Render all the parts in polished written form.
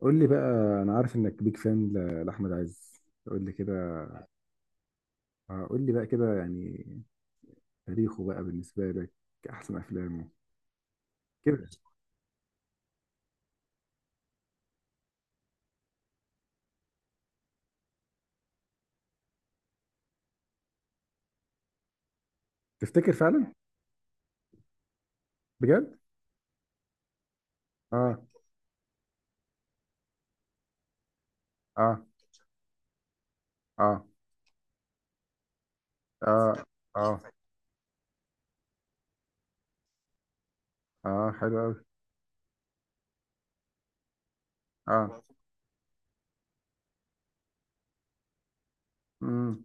قول لي بقى. انا عارف انك بيج فان لاحمد عز. قول لي كده. قول لي بقى كده يعني. تاريخه بقى بالنسبه لك، احسن افلامه كده. تفتكر فعلا؟ بجد؟ اه، اه، اه، اه، اه، اه. حلو قوي. اه. امم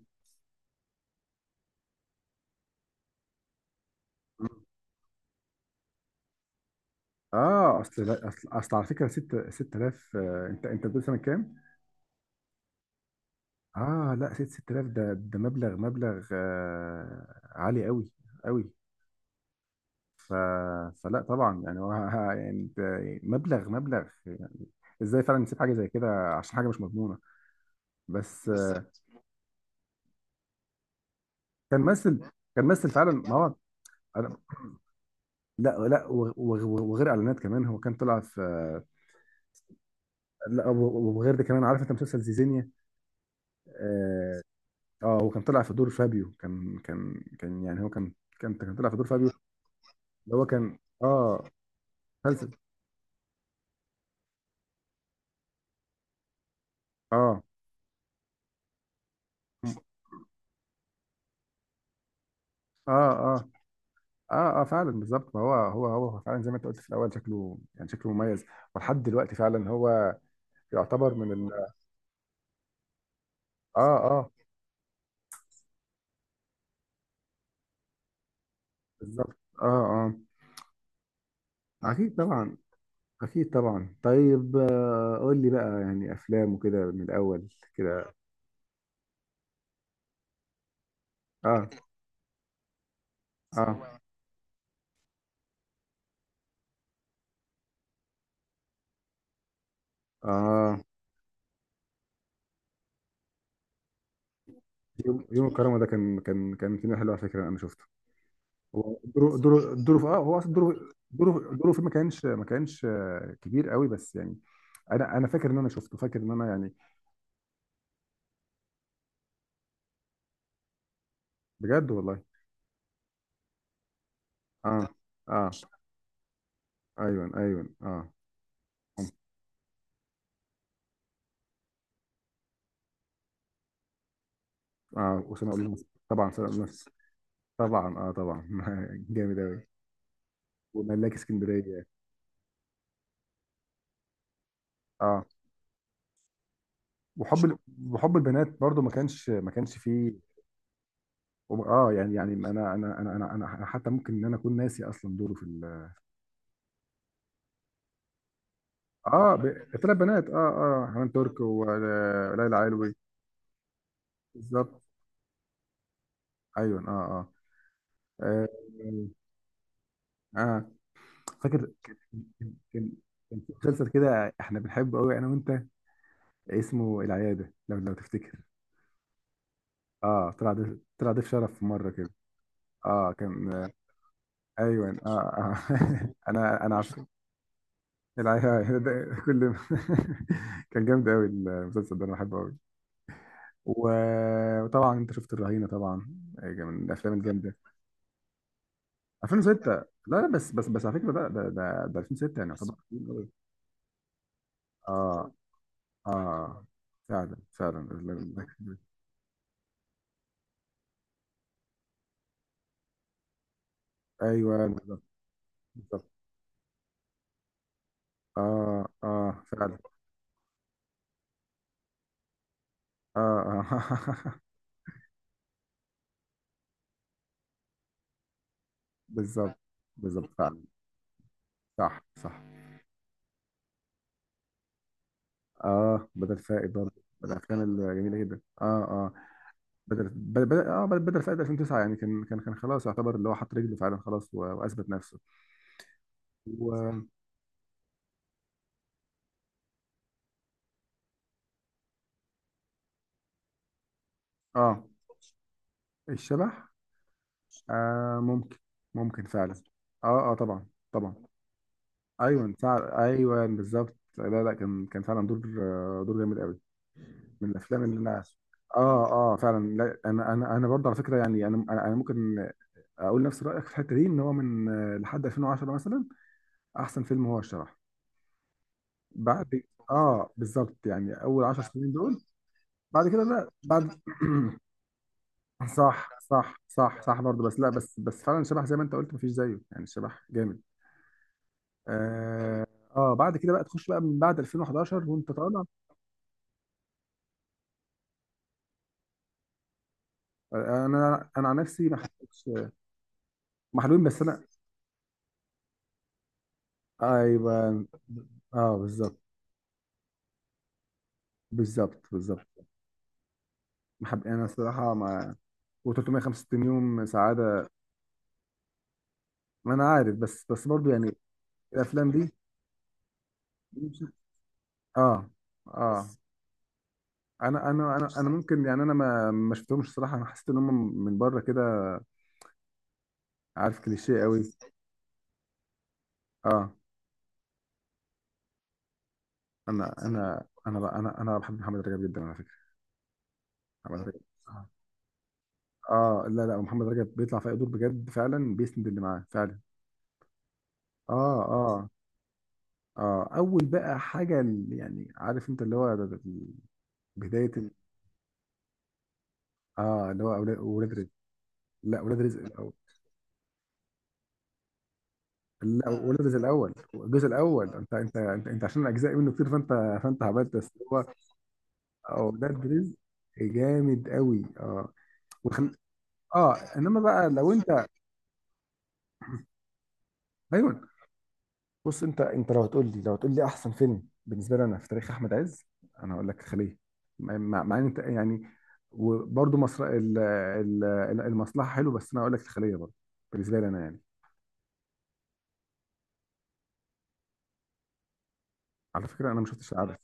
اه. اصل، لا، اصل على فكره، 6 6000، انت بتقول سنه كام؟ اه. لا، 6 6000 ده مبلغ عالي قوي، قوي. ف... فلا طبعا يعني، هو يعني انت. مبلغ يعني. ازاي فعلا نسيب حاجه زي كده عشان حاجه مش مضمونه؟ بس بالظبط. كان مثل. كان مثل فعلا، ما هو. أنا- لا لا، وغير اعلانات كمان، هو كان طلع في. لا وغير ده كمان، عارف انت مسلسل زيزينيا؟ اه. هو كان طلع في دور فابيو، كان كان كان يعني هو كان طلع في دور فابيو. اللي هو كان، اه، مسلسل. اه، اه، اه، اه، اه فعلا بالظبط. ما هو فعلا زي ما انت قلت في الاول، شكله يعني شكله مميز. ولحد دلوقتي فعلا هو يعتبر من ال... اه، اه، بالظبط اه، اه، اكيد طبعا. اكيد طبعا. طيب، قول لي بقى يعني افلام وكده من الاول. كده. اه، اه، اه. يوم الكرامه ده كان فيلم حلو على فكره، انا شفته. هو دوره في، اه، هو اصلا دوره فيه ما كانش كبير قوي، بس يعني انا فاكر ان انا شفته، فاكر ان انا يعني. بجد والله. اه، اه، ايوه ايوه اه، اه، وسنة اقول لهم. طبعا سنة أقول لهم. طبعا اه، طبعا جامد قوي. وملاك اسكندريه. اه، وحب وحب البنات برضو ما كانش، ما كانش فيه. اه، يعني، يعني انا انا انا انا انا أنا حتى ممكن ان انا اكون ناسي اصلا دوره في ال... اه، ثلاث بنات اه، اه، حنان ترك وليلى علوي. بالظبط. ايوه اه، اه، اه، آه. فاكر. كان كان في مسلسل كده احنا بنحبه قوي انا وانت، اسمه العيادة، لو تفتكر. اه، طلع ضيف شرف في مرة كده. اه، كان. آه، ايوه اه، آه. انا عارف. العيادة ده كل... كان جامد قوي المسلسل ده، انا بحبه قوي. وطبعا انت شفت الرهينة طبعا. من الافلام الجامدة، 2006. لا لا، بس على فكرة ده 2006، يعني يعتبر قديم قوي. اه، اه، فعلا فعلا ال... ايوه بالظبط. بالظبط اه، اه، فعلا. اه، اه بالظبط. بالظبط فعلا. صح صح. اه، بدل فائد برضه، من الافلام الجميله جدا اه، اه، بدل فائد 2009، يعني كان خلاص، يعتبر اللي هو حط رجله فعلا خلاص واثبت نفسه. و... اه، الشبح. آه، ممكن. ممكن فعلا. اه، اه، طبعا. طبعا. ايوه فعلا ايوه، بالظبط. لا لا، كان فعلا دور، دور جامد قوي. من الافلام اللي انا... اه، اه، فعلا. لا انا، برضه على فكره يعني، انا أنا ممكن اقول نفس رايك في الحته دي، ان هو من، لحد 2010 مثلا، احسن فيلم هو الشبح. بعد. اه، بالظبط يعني اول 10 سنين دول. بعد كده. لا بعد. صح صح صح صح برضه، بس لا، بس بس فعلا الشبح زي ما انت قلت مفيش زيه، يعني الشبح جامد. اه، بعد كده بقى تخش بقى من بعد 2011 وانت طالع. انا عن نفسي ما حبيتش. محلوين بس انا. ايوه اه، بالظبط. بالظبط. بالظبط ما حب... انا الصراحه ما... و365 يوم سعاده. ما انا عارف، بس برضو يعني. الافلام دي. اه، اه، انا انا انا انا ممكن، يعني انا ما شفتهمش صراحه، انا حسيت ان هم من بره كده، عارف، كليشيه قوي. اه، انا انا انا بقى، انا بحب محمد رجب جدا على فكره. محمد رجب. اه، لا لا، محمد رجب بيطلع في اي دور بجد فعلا، بيسند اللي معاه فعلا. اه، اه، اه، اول بقى حاجه اللي يعني عارف انت اللي هو ده. بدايه اه، اللي هو ولاد رزق. لا اولاد رزق. لا ولد الاول، الجزء الاول، انت عشان اجزاء منه كتير، فانت. فانت عملت بس هو... اولاد رزق جامد قوي اه. وخن... اه، انما بقى لو انت. ايوه. بص، انت لو هتقول لي، لو هتقول لي احسن فيلم بالنسبه لي انا في تاريخ احمد عز، انا هقول لك خليه. مع ان انت يعني وبرضه مصر ال... ال... المصلحه حلو، بس انا اقول لك الخليه برضه بالنسبه لي انا يعني. على فكره انا ما شفتش العبث.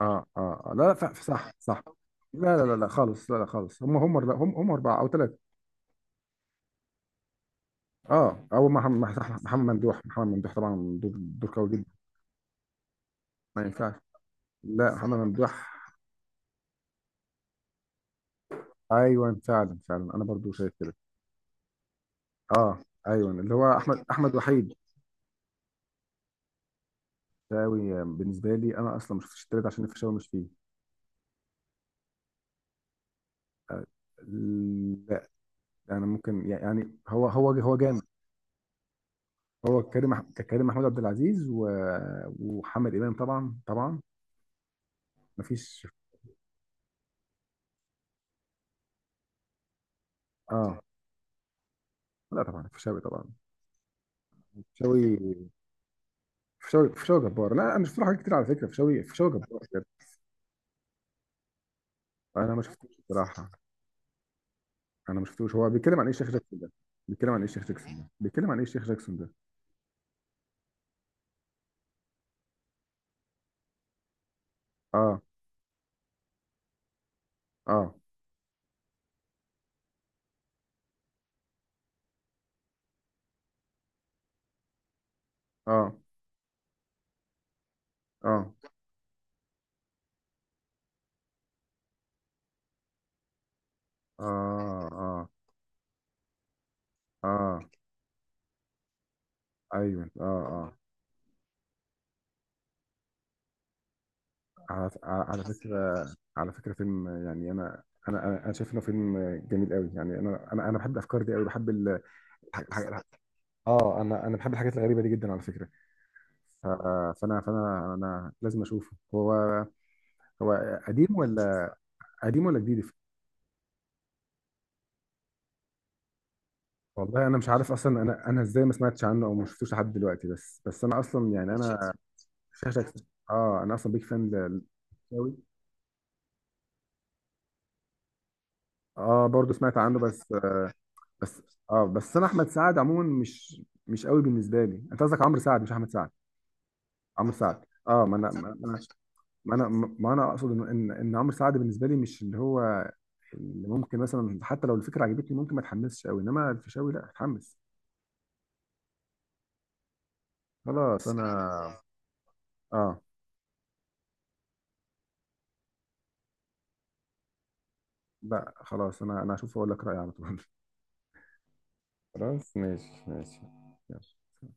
اه، اه، آه. لا لا، صح صح. لا لا لا لا خالص. لا لا خالص، هم هم لا هم اربعه او ثلاثه. اه، او محمد ممدوح. محمد ممدوح طبعا، دور، دور قوي جدا. ما ينفعش. لا محمد ممدوح. ايوه فعلا، فعلا انا برضو شايف كده. اه، ايوه اللي هو احمد، احمد وحيد. فشاوي، بالنسبه لي انا اصلا ما شفتش التالت عشان الفيشاوي مش فيه. لا، انا ممكن يعني هو، جامد. هو كريم، كريم محمود عبد العزيز وحمد امام طبعا طبعا. ما فيش. اه، لا طبعا الفيشاوي طبعا. شوي. فشاوي، فشاوي جبار. لا انا مش شفت له حاجات كتير على فكره، فشاوي فشاوي جبار بجد. انا ما شفتوش بصراحه. انا ما شفتوش. هو بيتكلم عن ايه الشيخ جاكسون ده؟ بيتكلم عن ايه الشيخ جاكسون ده؟ بيتكلم عن ايه الشيخ جاكسون ده؟ اه، اه، اه، اه، اه، اه، اه، ايوه اه، اه، على فكره. على فكره فيلم يعني، انا أنا شايف انه فيلم جميل قوي يعني، انا بحب الافكار دي قوي، بحب ال... الح- الح- الح- اه، انا بحب الحاجات الغريبه دي جدا على فكره. ف- فانا فانا انا لازم اشوفه. هو. هو قديم ولا... قديم ولا جديد؟ والله انا مش عارف اصلا انا، ازاي ما سمعتش عنه او ما شفتوش لحد دلوقتي، بس انا اصلا يعني انا. شكلك. اه، انا اصلا بيك فان قوي. اه، برضو سمعت عنه بس آه. بس. اه، بس انا احمد سعد عموما مش، مش قوي بالنسبه لي. انت قصدك عمرو سعد مش احمد سعد؟ عمرو سعد اه، ما انا ما انا، اقصد ان إن عمرو سعد بالنسبه لي مش اللي هو اللي ممكن مثلا حتى لو الفكره عجبتني ممكن ما اتحمسش قوي، انما الفيشاوي لا اتحمس. خلاص انا. اه، لا خلاص، انا، هشوف واقول لك رايي على طول. خلاص ماشي ماشي. يلا.